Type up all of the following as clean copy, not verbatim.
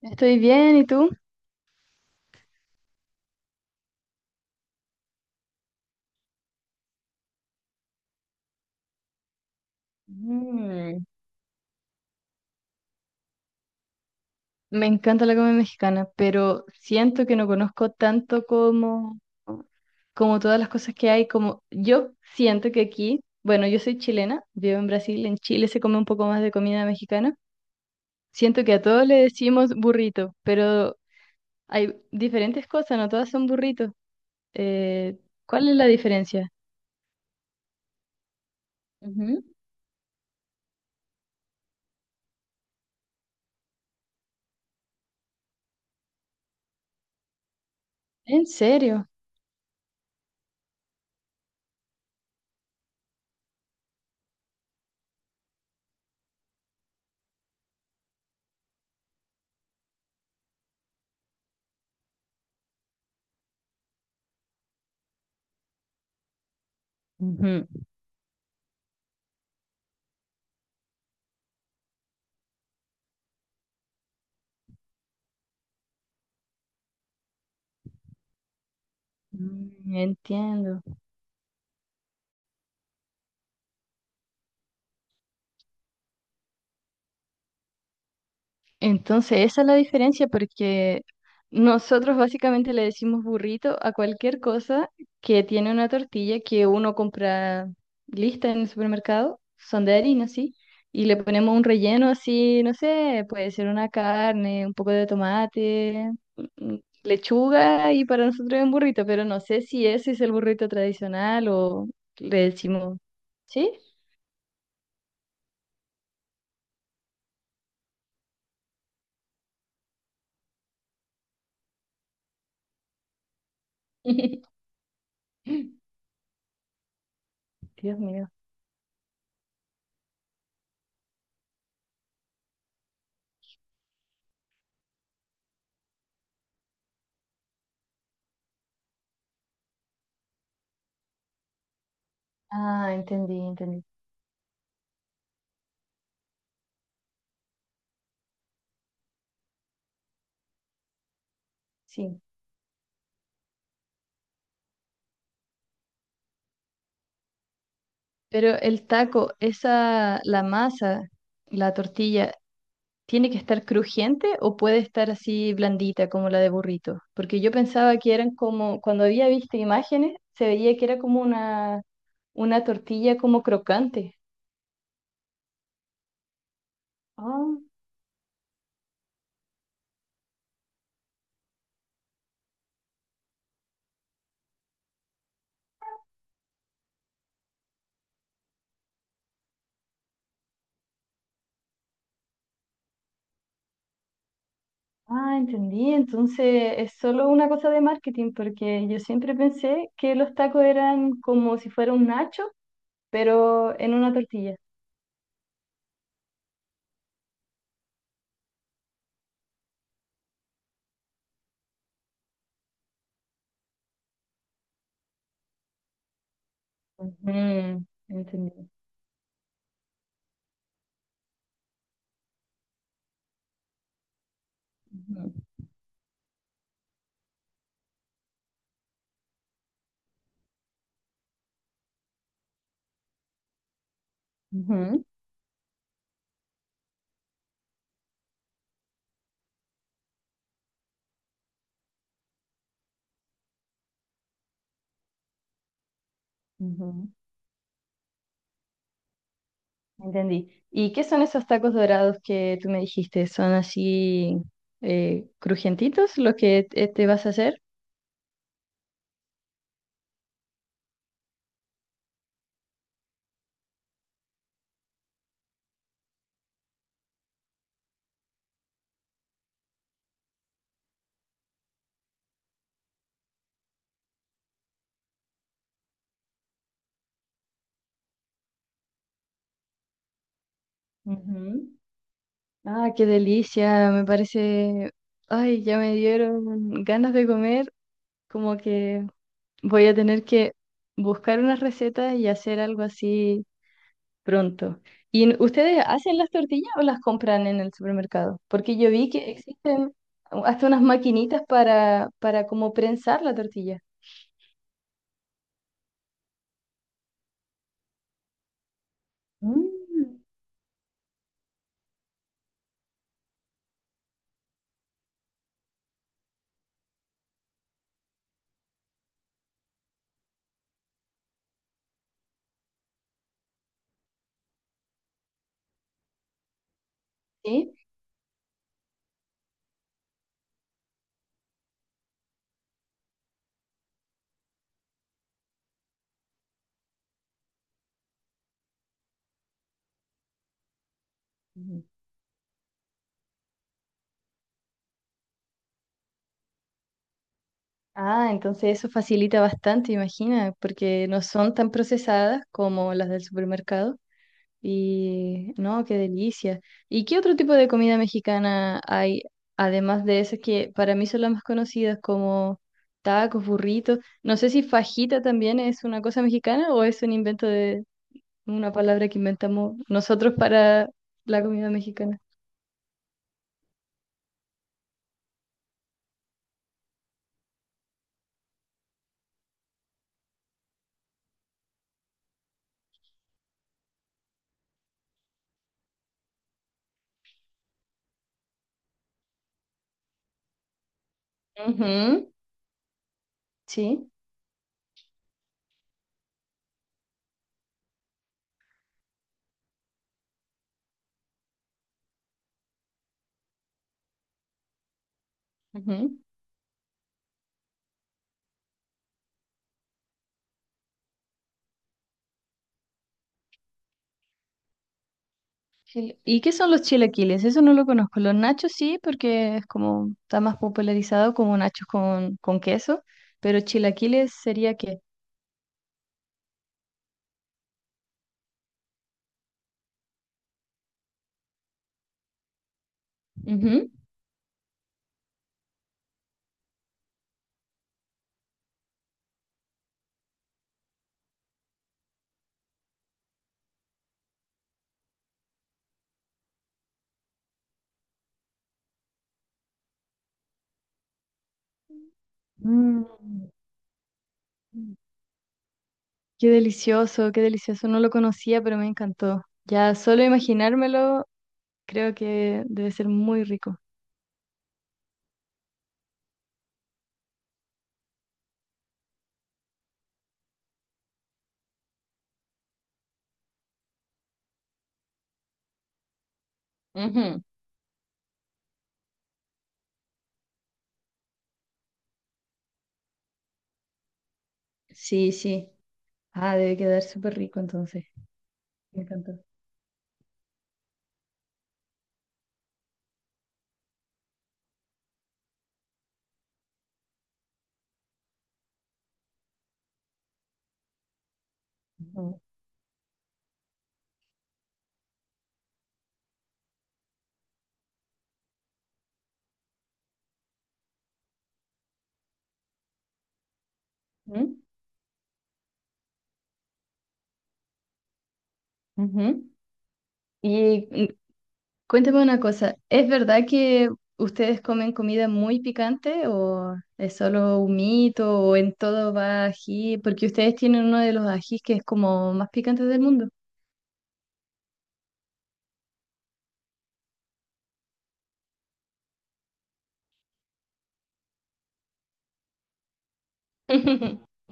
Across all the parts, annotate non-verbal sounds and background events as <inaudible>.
Estoy bien, ¿y tú? Mm. Me encanta la comida mexicana, pero siento que no conozco tanto como, como todas las cosas que hay. Como yo siento que aquí, bueno, yo soy chilena, vivo en Brasil, en Chile se come un poco más de comida mexicana. Siento que a todos le decimos burrito, pero hay diferentes cosas, no todas son burritos. Eh, ¿Cuál es la diferencia? Ujú. ¿En serio? Ujú. Mm, entiendo. Entonces, esa es la diferencia porque nosotros básicamente le decimos burrito a cualquier cosa que tiene una tortilla que uno compra lista en el supermercado, son de harina, sí, y le ponemos un relleno así, no sé, puede ser una carne, un poco de tomate, lechuga y para nosotros es un burrito, pero no sé si ese es el burrito tradicional o le decimos, ¿sí? <laughs> Dios mío. Ah, entendí, entendí. Sí. Pero el taco, esa, la masa, la tortilla, ¿tiene que estar crujiente o puede estar así blandita como la de burrito? Porque yo pensaba que eran como, cuando había visto imágenes, se veía que era como una tortilla como crocante. Oh, ah, entendí. Entonces es solo una cosa de marketing, porque yo siempre pensé que los tacos eran como si fuera un nacho, pero en una tortilla. Ujú, entendí. Ujú, ujú, ujú. Entendí. ¿Y qué son esos tacos dorados que tú me dijiste? ¿Son así crujientitos los que te vas a hacer? Ujú. Ah, qué delicia, me parece... Ay, ya me dieron ganas de comer, como que voy a tener que buscar una receta y hacer algo así pronto. ¿Y n- ustedes hacen las tortillas o las compran en el supermercado? Porque yo vi que existen hasta unas maquinitas para como prensar la tortilla. Mm. ¿Sí? Ujú. Ah, entonces eso facilita bastante, imagina, porque no son tan procesadas como las del supermercado. Y no, qué delicia. ¿Y qué otro tipo de comida mexicana hay, además de esas que para mí son las más conocidas como tacos, burritos? No sé si fajita también es una cosa mexicana o es un invento de una palabra que inventamos nosotros para la comida mexicana. Ujú. Sí. Chile- ¿Y qué son los chilaquiles? Eso no lo conozco. Los nachos sí, porque es como está más popularizado como nachos con queso, pero chilaquiles sería qué. Que... Mm, qué delicioso, qué delicioso. No lo conocía, pero me encantó. Ya solo imaginármelo, creo que debe ser muy rico. Ujú. Sí, sí. Ah, debe quedar súper rico entonces. Me encantó. Ujú. Ujú. Ujú. ¿Y cuéntame una cosa, ¿es verdad que ustedes comen comida muy picante o es solo un mito o en todo va ají? Porque ustedes tienen uno de los ajís que es como más picante del mundo. <laughs>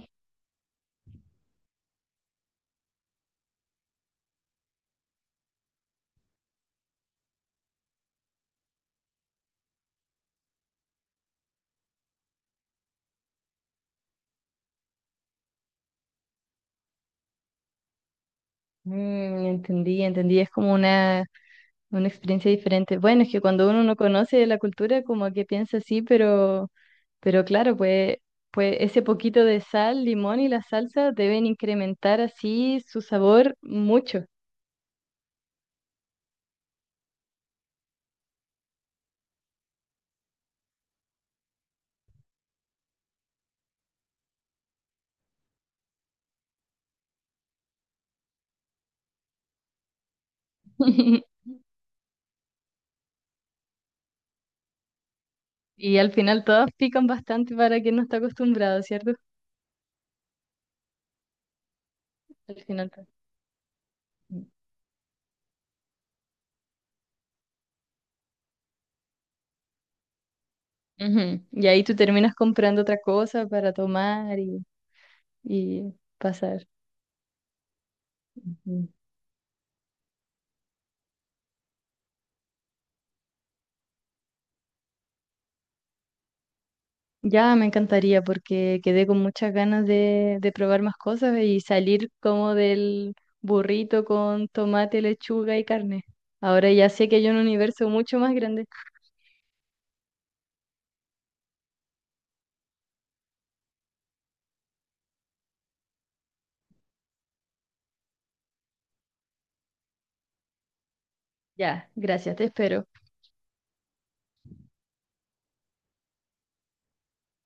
Mm, entendí, entendí, es como una experiencia diferente. Bueno, es que cuando uno no conoce la cultura, como que piensa así, pero claro, pues, pues ese poquito de sal, limón y la salsa deben incrementar así su sabor mucho. <laughs> Y al final todas pican bastante para quien no está acostumbrado, ¿cierto? Al final. To- Ujú. Y ahí tú terminas comprando otra cosa para tomar y pasar. Ujú. Ya me encantaría porque quedé con muchas ganas de probar más cosas y salir como del burrito con tomate, lechuga y carne. Ahora ya sé que hay un universo mucho más grande. Ya, gracias, te espero.